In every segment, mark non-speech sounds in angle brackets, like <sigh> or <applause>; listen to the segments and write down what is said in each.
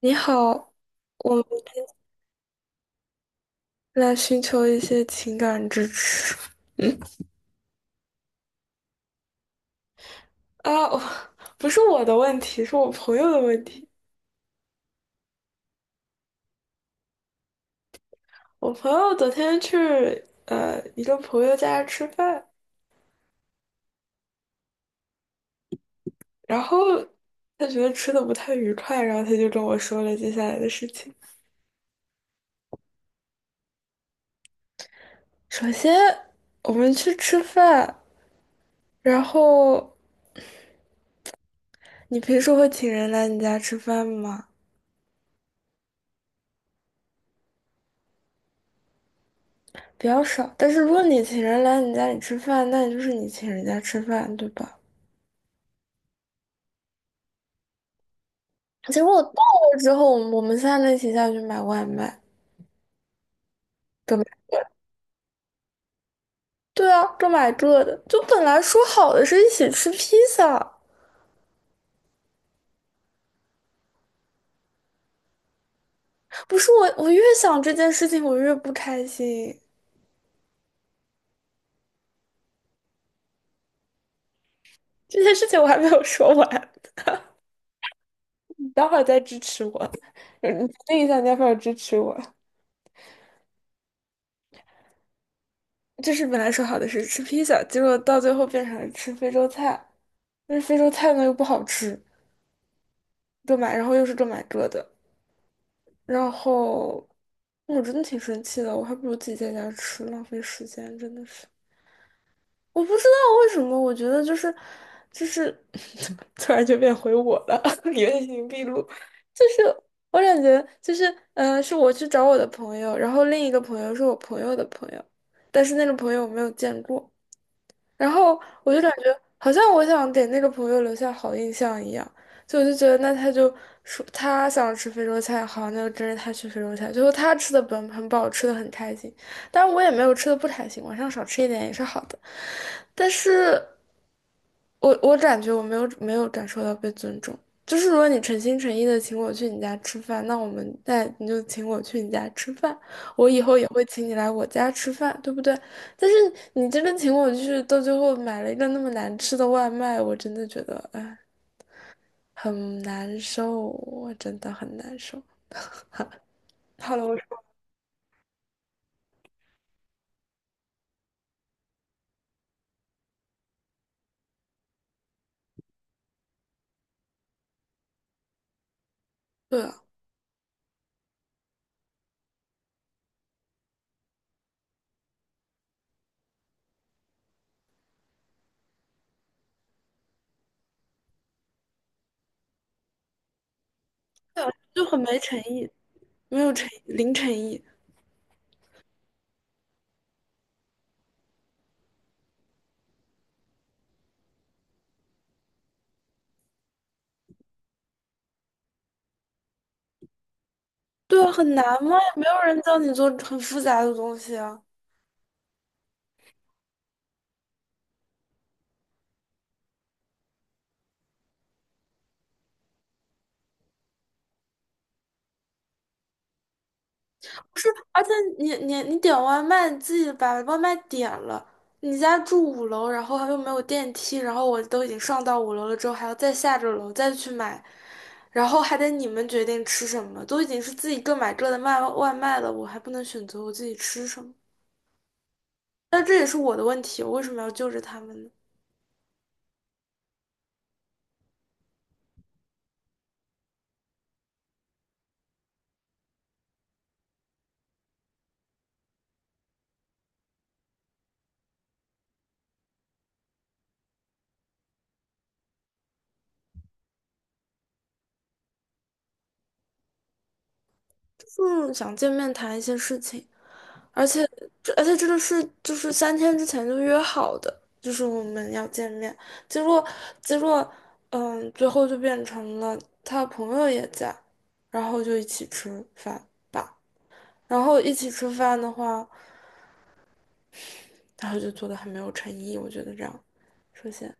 你好，我们来寻求一些情感支持。嗯我不是我的问题，是我朋友的问题。我朋友昨天去一个朋友家吃饭，然后他觉得吃的不太愉快，然后他就跟我说了接下来的事情。首先，我们去吃饭，然后你平时会请人来你家吃饭吗？比较少，但是如果你请人来你家里吃饭，那也就是你请人家吃饭，对吧？结果我到了之后，我们三个一起下去买外卖，各买，对啊，各买各的。就本来说好的是一起吃披萨，不是我，我越想这件事情，我越不开心。这件事情我还没有说完，你待会儿再支持我，嗯，你决定一下，你要不要支持我？就是本来说好的是吃披萨，结果到最后变成了吃非洲菜，但是非洲菜呢又不好吃，各买，然后又是各买各的。然后哎我真的挺生气的，我还不如自己在家吃，浪费时间，真的是。我不知道为什么，我觉得就是 <laughs> 突然就变回我了，<laughs> 原形毕露。就是我感觉就是是我去找我的朋友，然后另一个朋友是我朋友的朋友，但是那个朋友我没有见过，然后我就感觉好像我想给那个朋友留下好印象一样，就我就觉得那他就说他想吃非洲菜，好，那就跟着他去非洲菜。最后他吃的本很饱，吃的很开心，但我也没有吃的不开心，晚上少吃一点也是好的。但是我感觉我没有感受到被尊重，就是如果你诚心诚意的请我去你家吃饭，那我们在你就请我去你家吃饭，我以后也会请你来我家吃饭，对不对？但是你真的请我去，到最后买了一个那么难吃的外卖，我真的觉得哎，很难受，我真的很难受。好了，我说对啊，就很没诚意，没有诚意，零诚意。对啊，很难吗？也没有人教你做很复杂的东西啊。不是，而且你点外卖，你自己把外卖点了，你家住五楼，然后又没有电梯，然后我都已经上到五楼了之后，还要再下着楼再去买，然后还得你们决定吃什么，都已经是自己各买各的卖外卖了，我还不能选择我自己吃什么，但这也是我的问题，我为什么要救着他们呢？嗯，想见面谈一些事情。而且这个是就是三天之前就约好的，就是我们要见面，结果结果嗯，最后就变成了他朋友也在，然后就一起吃饭吧。然后一起吃饭的话，然后就做的很没有诚意，我觉得这样，首先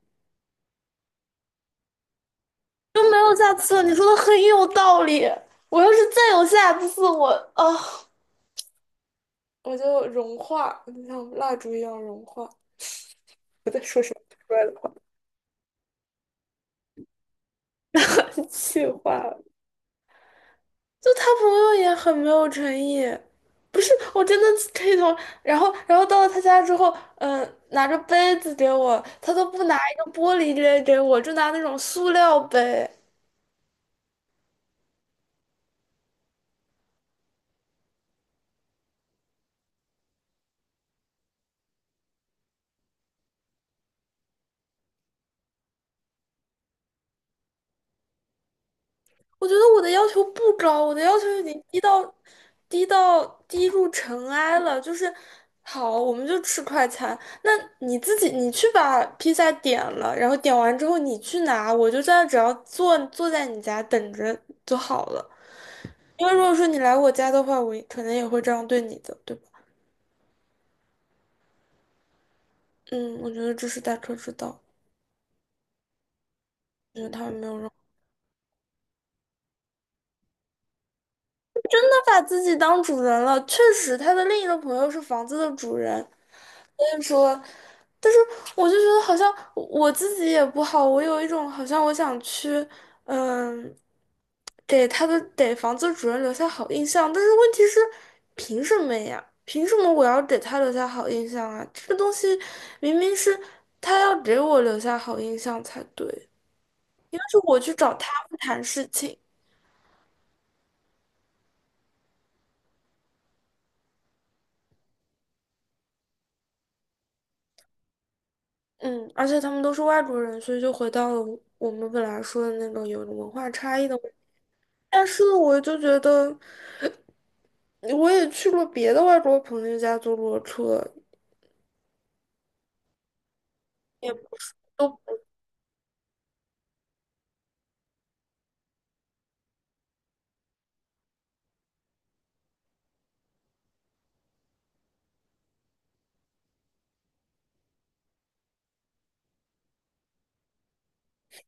就没有下次了。你说的很有道理，我要是再有下次，我啊、我就融化，就像蜡烛一样融化。我在说什么奇怪的话？<laughs> 气话。就他朋友也很没有诚意，不是，我真的可以同，然后，然后到了他家之后，拿着杯子给我，他都不拿一个玻璃杯给我，就拿那种塑料杯。我觉得我的要求不高，我的要求已经低到低入尘埃了。就是好，我们就吃快餐，那你自己你去把披萨点了，然后点完之后你去拿，我就在那只要坐在你家等着就好了。因为如果说你来我家的话，我也可能也会这样对你的，对吧？嗯，我觉得这是大可之道，因为他们没有让。把自己当主人了。确实，他的另一个朋友是房子的主人，所以说，但是我就觉得好像我自己也不好，我有一种好像我想去，嗯，给他的给房子主人留下好印象，但是问题是，凭什么呀？凭什么我要给他留下好印象啊？这个东西明明是他要给我留下好印象才对，应该是我去找他们谈事情。嗯，而且他们都是外国人，所以就回到了我们本来说的那种有文化差异的问题。但是我就觉得，我也去过别的外国朋友家坐过车，也不是都，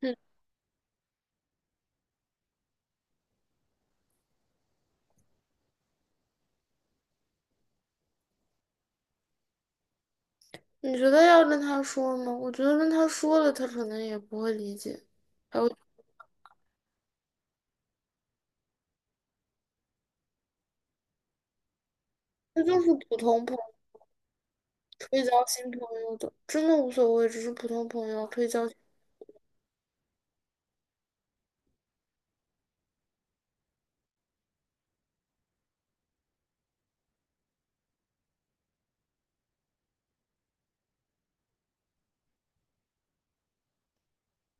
嗯，你觉得要跟他说吗？我觉得跟他说了，他可能也不会理解。还有，这就是普通朋友，可以交新朋友的，真的无所谓，只是普通朋友可以交新。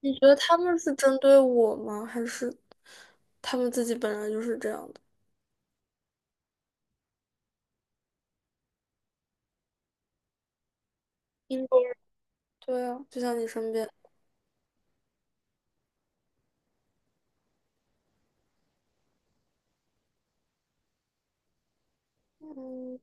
你觉得他们是针对我吗？还是他们自己本来就是这样的？英国人，对啊，就像你身边。嗯，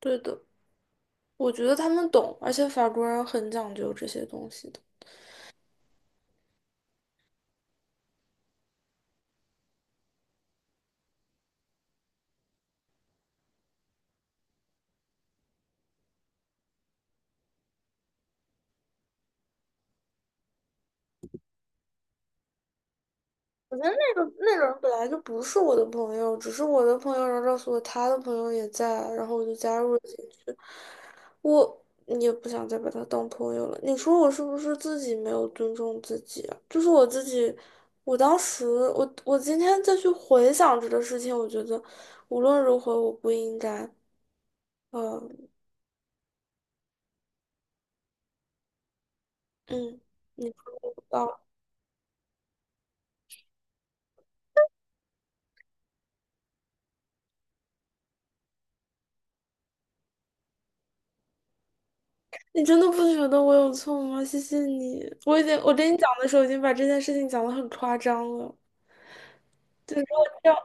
对的，我觉得他们懂，而且法国人很讲究这些东西的。我觉得那个人本来就不是我的朋友，只是我的朋友，然后告诉我他的朋友也在，然后我就加入了进去。我也不想再把他当朋友了。你说我是不是自己没有尊重自己啊？就是我自己，我当时，我今天再去回想这个事情，我觉得无论如何我不应该，嗯嗯，你说到了。你真的不觉得我有错吗？谢谢你，我已经我跟你讲的时候已经把这件事情讲得很夸张了。就是如果这样，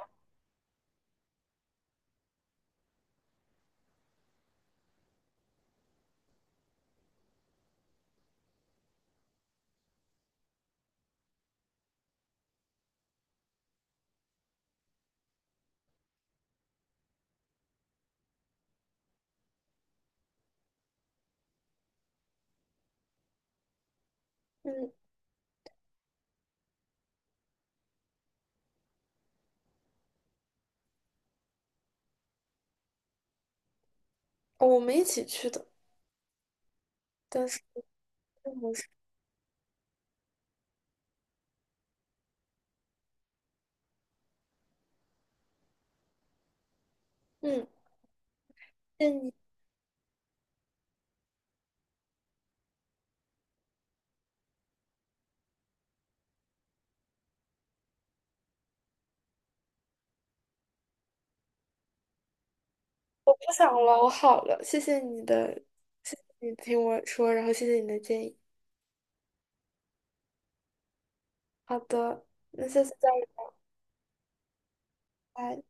嗯，哦我们一起去的，但是我是嗯，谢谢你，我不想了，我好了，谢谢你的，谢谢你听我说，然后谢谢你的建议。好的，那下次再聊。拜。